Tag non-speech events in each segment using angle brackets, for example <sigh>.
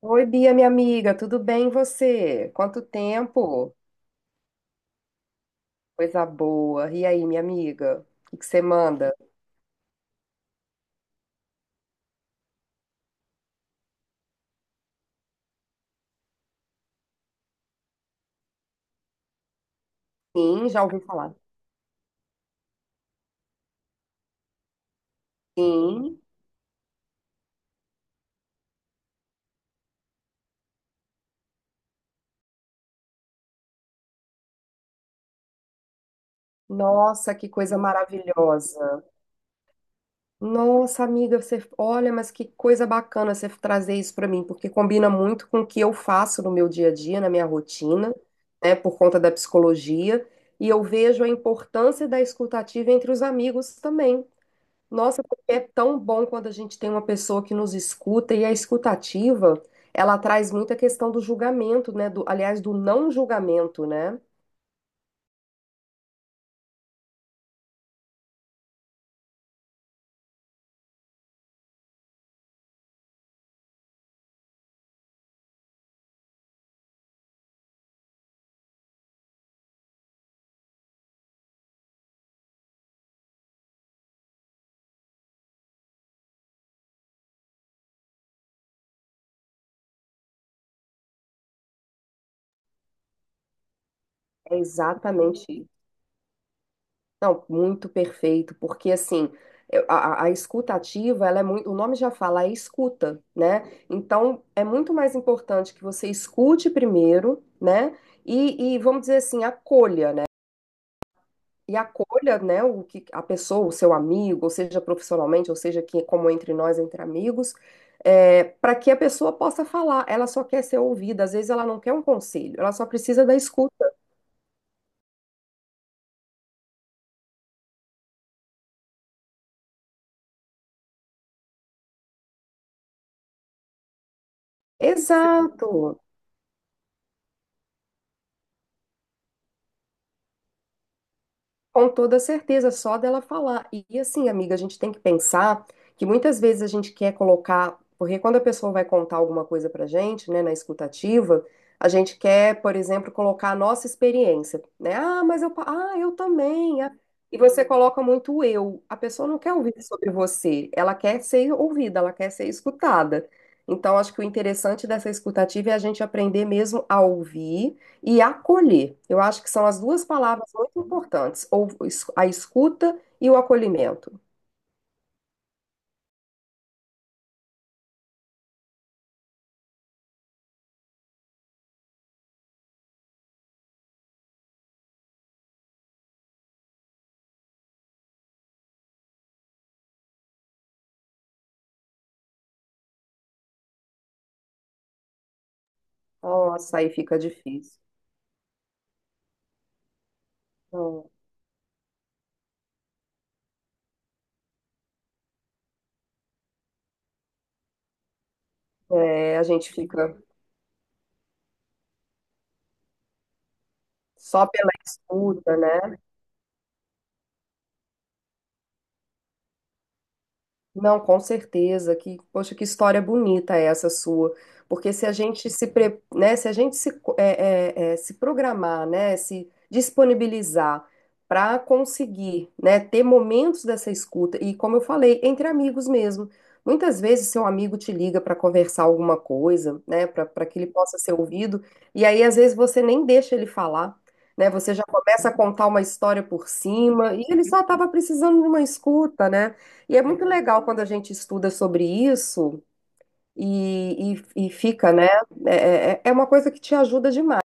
Oi, Bia, minha amiga, tudo bem e você? Quanto tempo? Coisa boa. E aí, minha amiga? O que que você manda? Sim, já ouvi falar. Sim. Nossa, que coisa maravilhosa. Nossa, amiga, você, olha, mas que coisa bacana você trazer isso para mim, porque combina muito com o que eu faço no meu dia a dia, na minha rotina, né, por conta da psicologia, e eu vejo a importância da escutativa entre os amigos também. Nossa, porque é tão bom quando a gente tem uma pessoa que nos escuta e a escutativa, ela traz muito a questão do julgamento, né? Do, aliás, do não julgamento, né? É exatamente isso. Não, muito perfeito, porque assim, a, a escutativa, ela é muito, o nome já fala, é escuta, né? Então, é muito mais importante que você escute primeiro, né? E vamos dizer assim, acolha, né? E acolha, né, o que a pessoa, o seu amigo, ou seja profissionalmente, ou seja que como entre nós, entre amigos, para que a pessoa possa falar. Ela só quer ser ouvida, às vezes ela não quer um conselho, ela só precisa da escuta. Exato. Com toda certeza, só dela falar. E assim, amiga, a gente tem que pensar que muitas vezes a gente quer colocar, porque quando a pessoa vai contar alguma coisa pra gente, né, na escutativa, a gente quer, por exemplo, colocar a nossa experiência, né? Ah, mas ah, eu também. Ah. E você coloca muito o eu. A pessoa não quer ouvir sobre você, ela quer ser ouvida, ela quer ser escutada. Então, acho que o interessante dessa escutativa é a gente aprender mesmo a ouvir e acolher. Eu acho que são as duas palavras muito importantes, ou a escuta e o acolhimento. Nossa, aí fica difícil. Então, é, a gente fica só pela escuta, né? Não, com certeza. Que, poxa, que história bonita é essa sua. Porque se a gente se, pre- né, se a gente se, co- se programar, né, se disponibilizar para conseguir, né, ter momentos dessa escuta e, como eu falei, entre amigos mesmo. Muitas vezes seu amigo te liga para conversar alguma coisa, né, para que ele possa ser ouvido. E aí, às vezes, você nem deixa ele falar, né? Você já começa a contar uma história por cima e ele só estava precisando de uma escuta, né? E é muito legal quando a gente estuda sobre isso e fica, né? É, é uma coisa que te ajuda demais.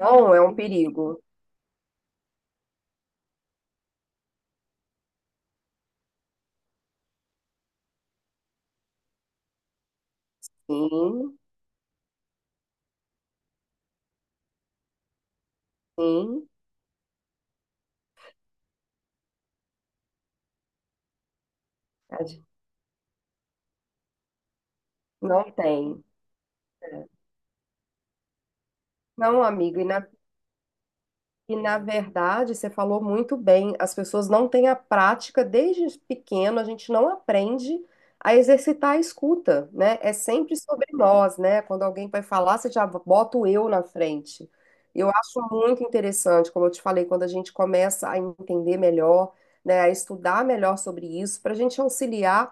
Não é um perigo. Sim, sim. A gente. Não tem. Não, amigo. E na verdade, você falou muito bem, as pessoas não têm a prática, desde pequeno a gente não aprende a exercitar a escuta, né? É sempre sobre nós, né? Quando alguém vai falar, você já bota o eu na frente. Eu acho muito interessante, como eu te falei, quando a gente começa a entender melhor, né, a estudar melhor sobre isso, para a gente auxiliar,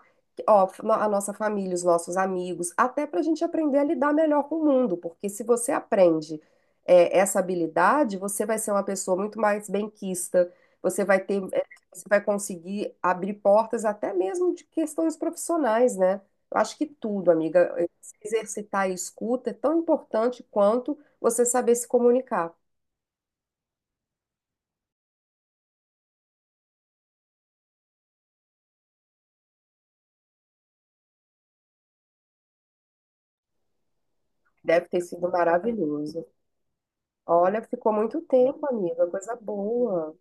ó, a nossa família, os nossos amigos, até para a gente aprender a lidar melhor com o mundo, porque se você aprende é, essa habilidade, você vai ser uma pessoa muito mais benquista, você vai ter, é, você vai conseguir abrir portas até mesmo de questões profissionais, né? Eu acho que tudo, amiga, se exercitar a escuta é tão importante quanto você saber se comunicar. Deve ter sido maravilhoso. Olha, ficou muito tempo, amiga, coisa boa.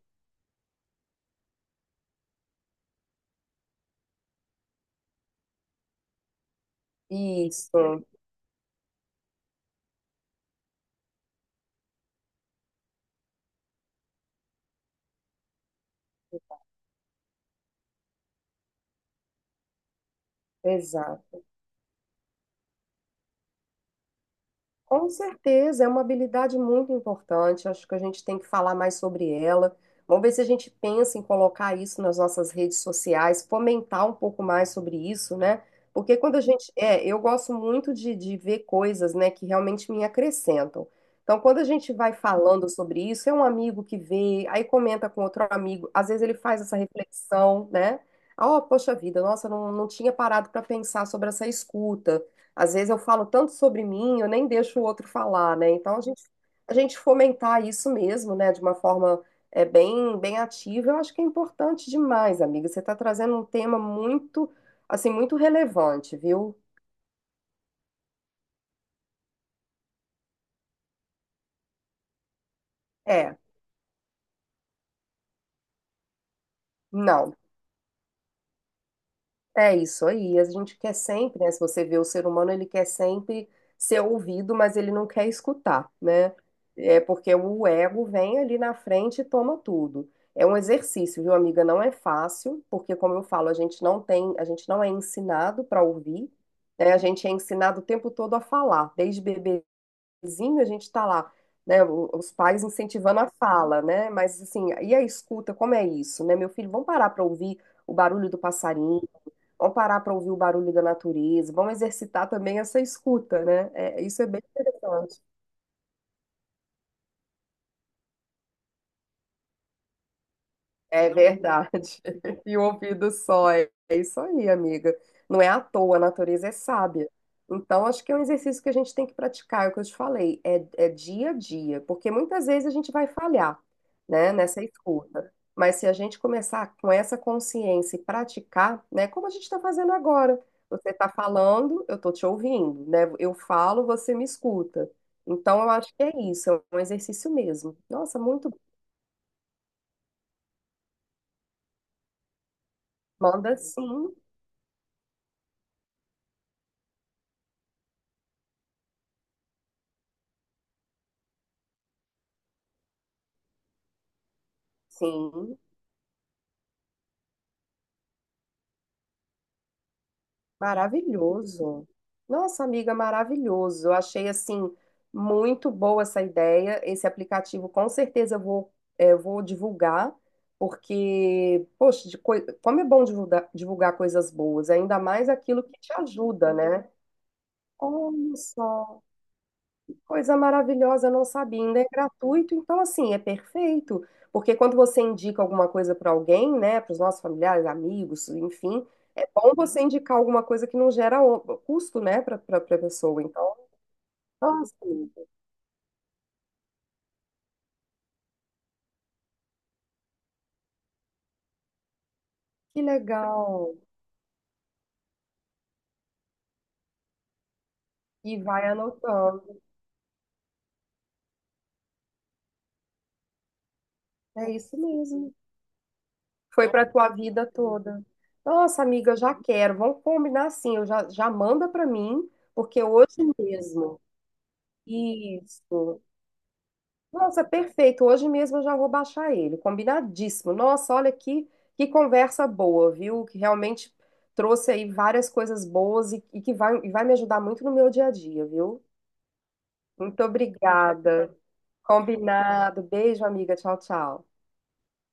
Isso, exato. Com certeza, é uma habilidade muito importante. Acho que a gente tem que falar mais sobre ela. Vamos ver se a gente pensa em colocar isso nas nossas redes sociais, fomentar um pouco mais sobre isso, né? Porque quando a gente. É, eu gosto muito de ver coisas, né, que realmente me acrescentam. Então, quando a gente vai falando sobre isso, é um amigo que vê, aí comenta com outro amigo, às vezes ele faz essa reflexão, né? Ah, oh, poxa vida, nossa, não tinha parado para pensar sobre essa escuta. Às vezes eu falo tanto sobre mim, eu nem deixo o outro falar, né? Então a gente fomentar isso mesmo, né, de uma forma é, bem ativa, eu acho que é importante demais, amiga. Você está trazendo um tema muito, assim, muito relevante, viu? É, não. É isso aí. A gente quer sempre, né? Se você vê o ser humano, ele quer sempre ser ouvido, mas ele não quer escutar, né? É porque o ego vem ali na frente e toma tudo. É um exercício, viu, amiga? Não é fácil, porque como eu falo, a gente não tem, a gente não é ensinado para ouvir, né? A gente é ensinado o tempo todo a falar. Desde bebezinho a gente está lá, né? Os pais incentivando a fala, né? Mas assim, e a escuta, como é isso, né? Meu filho, vamos parar para ouvir o barulho do passarinho. Vamos parar para ouvir o barulho da natureza, vamos exercitar também essa escuta, né? É, isso é bem interessante. É verdade. <laughs> E o ouvido só. É é isso aí, amiga. Não é à toa, a natureza é sábia. Então, acho que é um exercício que a gente tem que praticar, é o que eu te falei, é, é dia a dia, porque muitas vezes a gente vai falhar, né, nessa escuta. Mas se a gente começar com essa consciência e praticar, né, como a gente está fazendo agora, você está falando, eu estou te ouvindo, né, eu falo, você me escuta. Então, eu acho que é isso, é um exercício mesmo. Nossa, muito. Manda sim, sim. Maravilhoso. Nossa, amiga, maravilhoso. Eu achei assim muito boa essa ideia. Esse aplicativo, com certeza, eu vou, eu vou divulgar, porque, poxa, como é bom divulgar, divulgar coisas boas, ainda mais aquilo que te ajuda, né? Olha só. Coisa maravilhosa, eu não sabia. Ainda é gratuito, então assim, é perfeito. Porque quando você indica alguma coisa para alguém, né, para os nossos familiares, amigos, enfim, é bom você indicar alguma coisa que não gera custo, né, para a pessoa. Então, nossa, que legal. E vai anotando. É isso mesmo. Foi para tua vida toda. Nossa, amiga, eu já quero. Vamos combinar assim, já manda para mim, porque hoje mesmo. Isso. Nossa, perfeito. Hoje mesmo eu já vou baixar ele. Combinadíssimo. Nossa, olha que conversa boa, viu? Que realmente trouxe aí várias coisas boas e que vai, e vai me ajudar muito no meu dia a dia, viu? Muito obrigada. Combinado. Beijo, amiga. Tchau, tchau.